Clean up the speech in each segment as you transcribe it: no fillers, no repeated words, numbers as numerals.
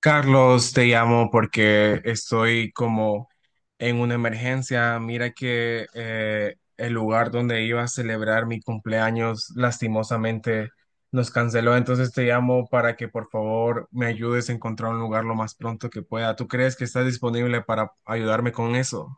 Carlos, te llamo porque estoy como en una emergencia. Mira que el lugar donde iba a celebrar mi cumpleaños lastimosamente nos canceló. Entonces te llamo para que por favor me ayudes a encontrar un lugar lo más pronto que pueda. ¿Tú crees que estás disponible para ayudarme con eso?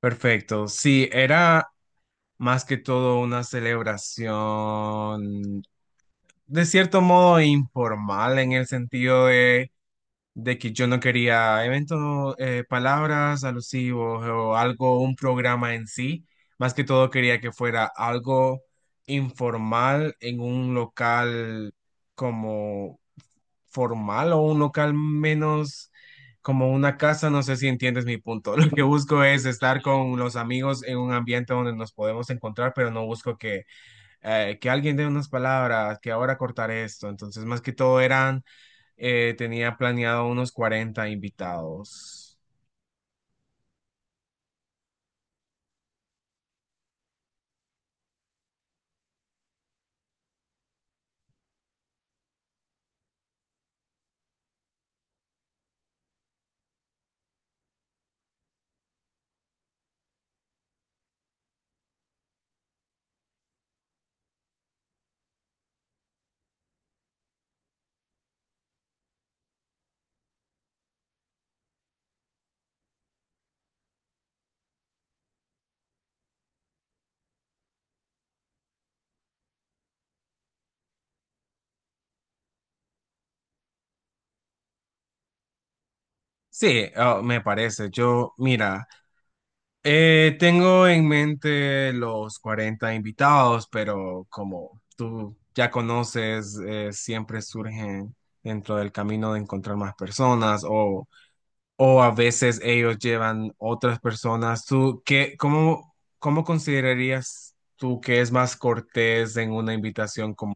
Perfecto. Sí, era más que todo una celebración de cierto modo informal en el sentido de que yo no quería eventos, palabras alusivos o algo, un programa en sí. Más que todo quería que fuera algo informal en un local como formal o un local menos como una casa. No sé si entiendes mi punto. Lo que busco es estar con los amigos en un ambiente donde nos podemos encontrar, pero no busco que alguien dé unas palabras, que ahora cortar esto. Entonces, más que todo eran, tenía planeado unos 40 invitados. Sí, ah, me parece. Yo, mira, tengo en mente los 40 invitados, pero como tú ya conoces, siempre surgen dentro del camino de encontrar más personas o a veces ellos llevan otras personas. ¿Tú qué, cómo, cómo considerarías tú que es más cortés en una invitación, como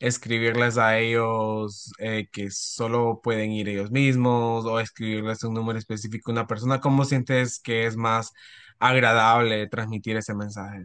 escribirles a ellos que solo pueden ir ellos mismos o escribirles un número específico a una persona? ¿Cómo sientes que es más agradable transmitir ese mensaje?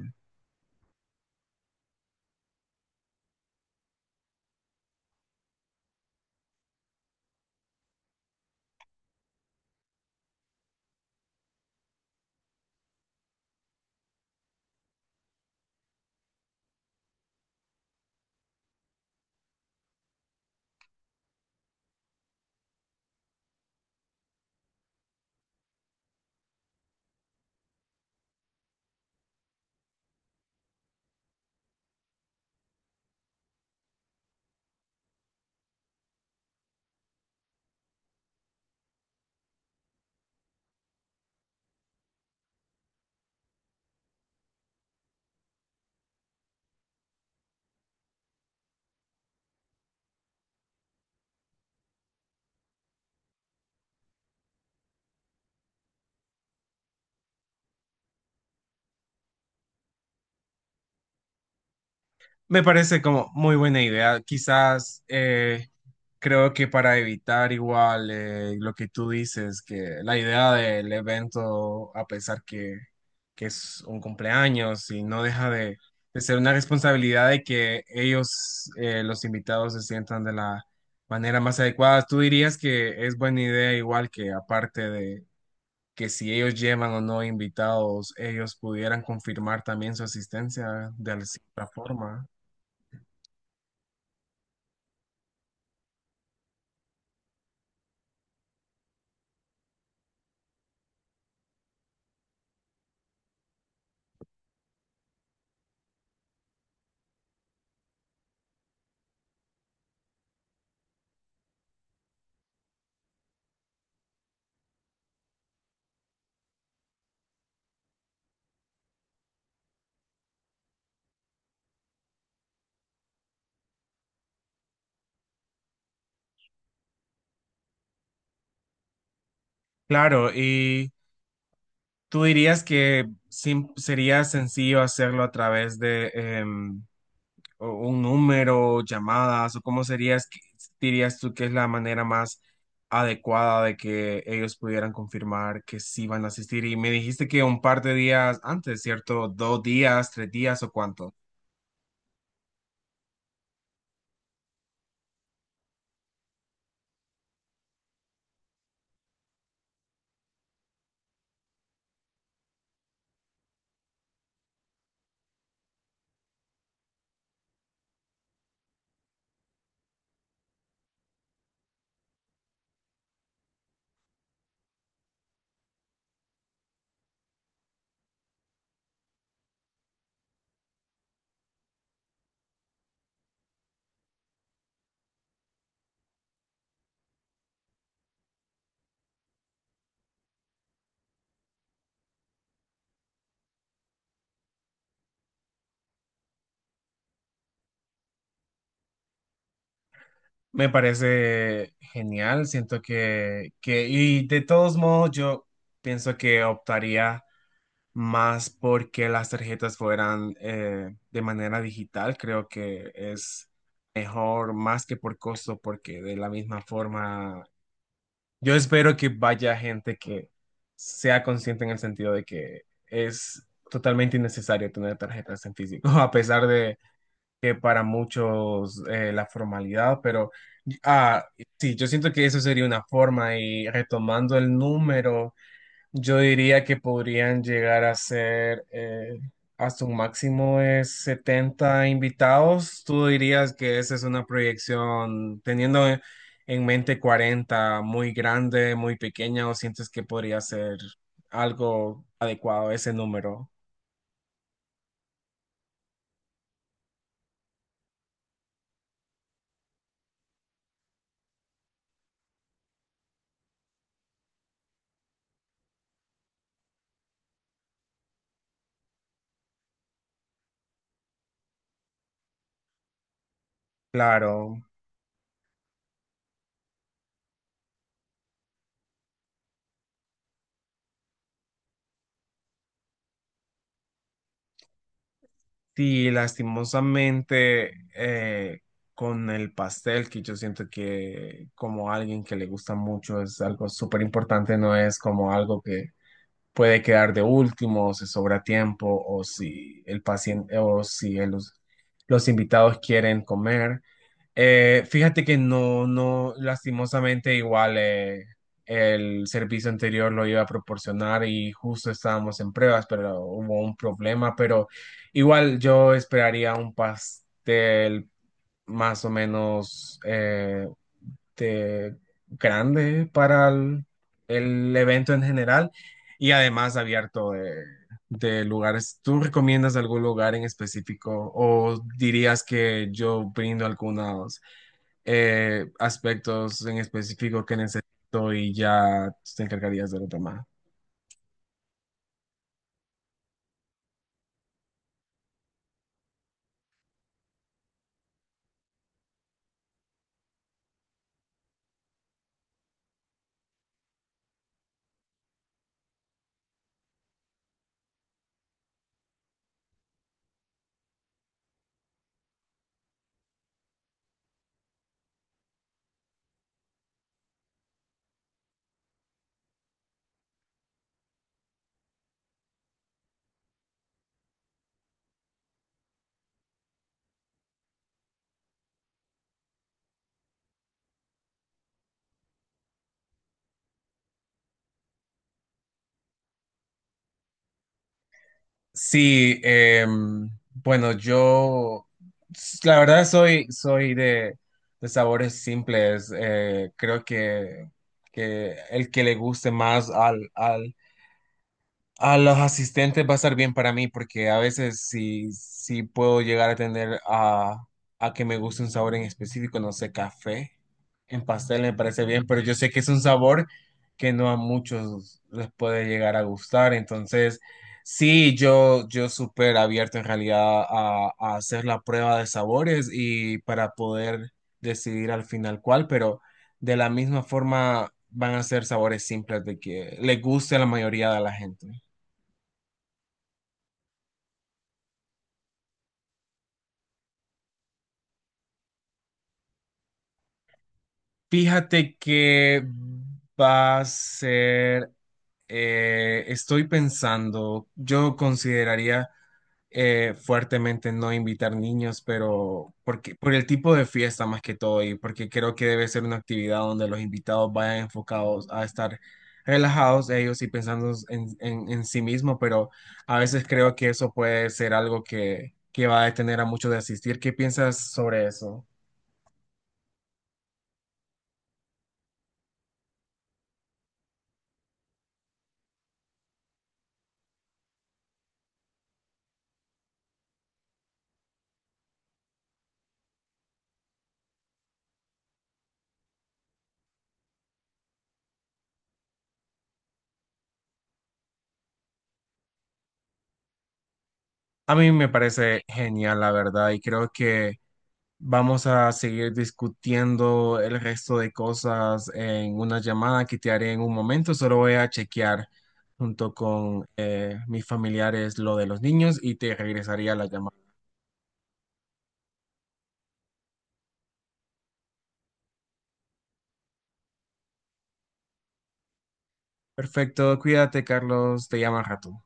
Me parece como muy buena idea. Quizás creo que para evitar igual lo que tú dices, que la idea del evento, a pesar que es un cumpleaños y no deja de ser una responsabilidad de que ellos, los invitados, se sientan de la manera más adecuada, tú dirías que es buena idea igual que aparte de que si ellos llevan o no invitados, ellos pudieran confirmar también su asistencia de alguna forma. Claro, y tú dirías que sería sencillo hacerlo a través de em, un número, llamadas, o cómo serías, dirías tú que es la manera más adecuada de que ellos pudieran confirmar que sí van a asistir. Y me dijiste que un par de días antes, ¿cierto? Dos días, tres días o cuánto. Me parece genial, siento que, y de todos modos yo pienso que optaría más porque las tarjetas fueran de manera digital, creo que es mejor más que por costo, porque de la misma forma, yo espero que vaya gente que sea consciente en el sentido de que es totalmente innecesario tener tarjetas en físico, a pesar de que para muchos la formalidad, pero ah, sí, yo siento que eso sería una forma y retomando el número. Yo diría que podrían llegar a ser hasta un máximo de 70 invitados. ¿Tú dirías que esa es una proyección teniendo en mente 40 muy grande, muy pequeña, o sientes que podría ser algo adecuado ese número? Claro, sí, lastimosamente con el pastel, que yo siento que como alguien que le gusta mucho es algo súper importante, no es como algo que puede quedar de último, o se sobra tiempo, o si el paciente, o si los invitados quieren comer. Fíjate que no, no, lastimosamente igual el servicio anterior lo iba a proporcionar y justo estábamos en pruebas, pero hubo un problema, pero igual yo esperaría un pastel más o menos este, grande para el evento en general y además abierto de lugares. ¿Tú recomiendas algún lugar en específico o dirías que yo brindo algunos aspectos en específico que necesito y ya te encargarías de lo demás? Sí, em, bueno, yo la verdad soy de sabores simples. Eh, creo que el que le guste más al a los asistentes va a estar bien para mí porque a veces sí, sí puedo llegar a tener a que me guste un sabor en específico, no sé, café en pastel me parece bien, pero yo sé que es un sabor que no a muchos les puede llegar a gustar, entonces sí, yo súper abierto en realidad a hacer la prueba de sabores y para poder decidir al final cuál, pero de la misma forma van a ser sabores simples de que le guste a la mayoría de la gente. Fíjate que va a ser, estoy pensando, yo consideraría fuertemente no invitar niños, pero porque, por el tipo de fiesta más que todo y porque creo que debe ser una actividad donde los invitados vayan enfocados a estar relajados ellos y pensando en, en sí mismo, pero a veces creo que eso puede ser algo que va a detener a muchos de asistir. ¿Qué piensas sobre eso? A mí me parece genial, la verdad, y creo que vamos a seguir discutiendo el resto de cosas en una llamada que te haré en un momento. Solo voy a chequear junto con mis familiares lo de los niños y te regresaría la llamada. Perfecto, cuídate, Carlos, te llamo al rato.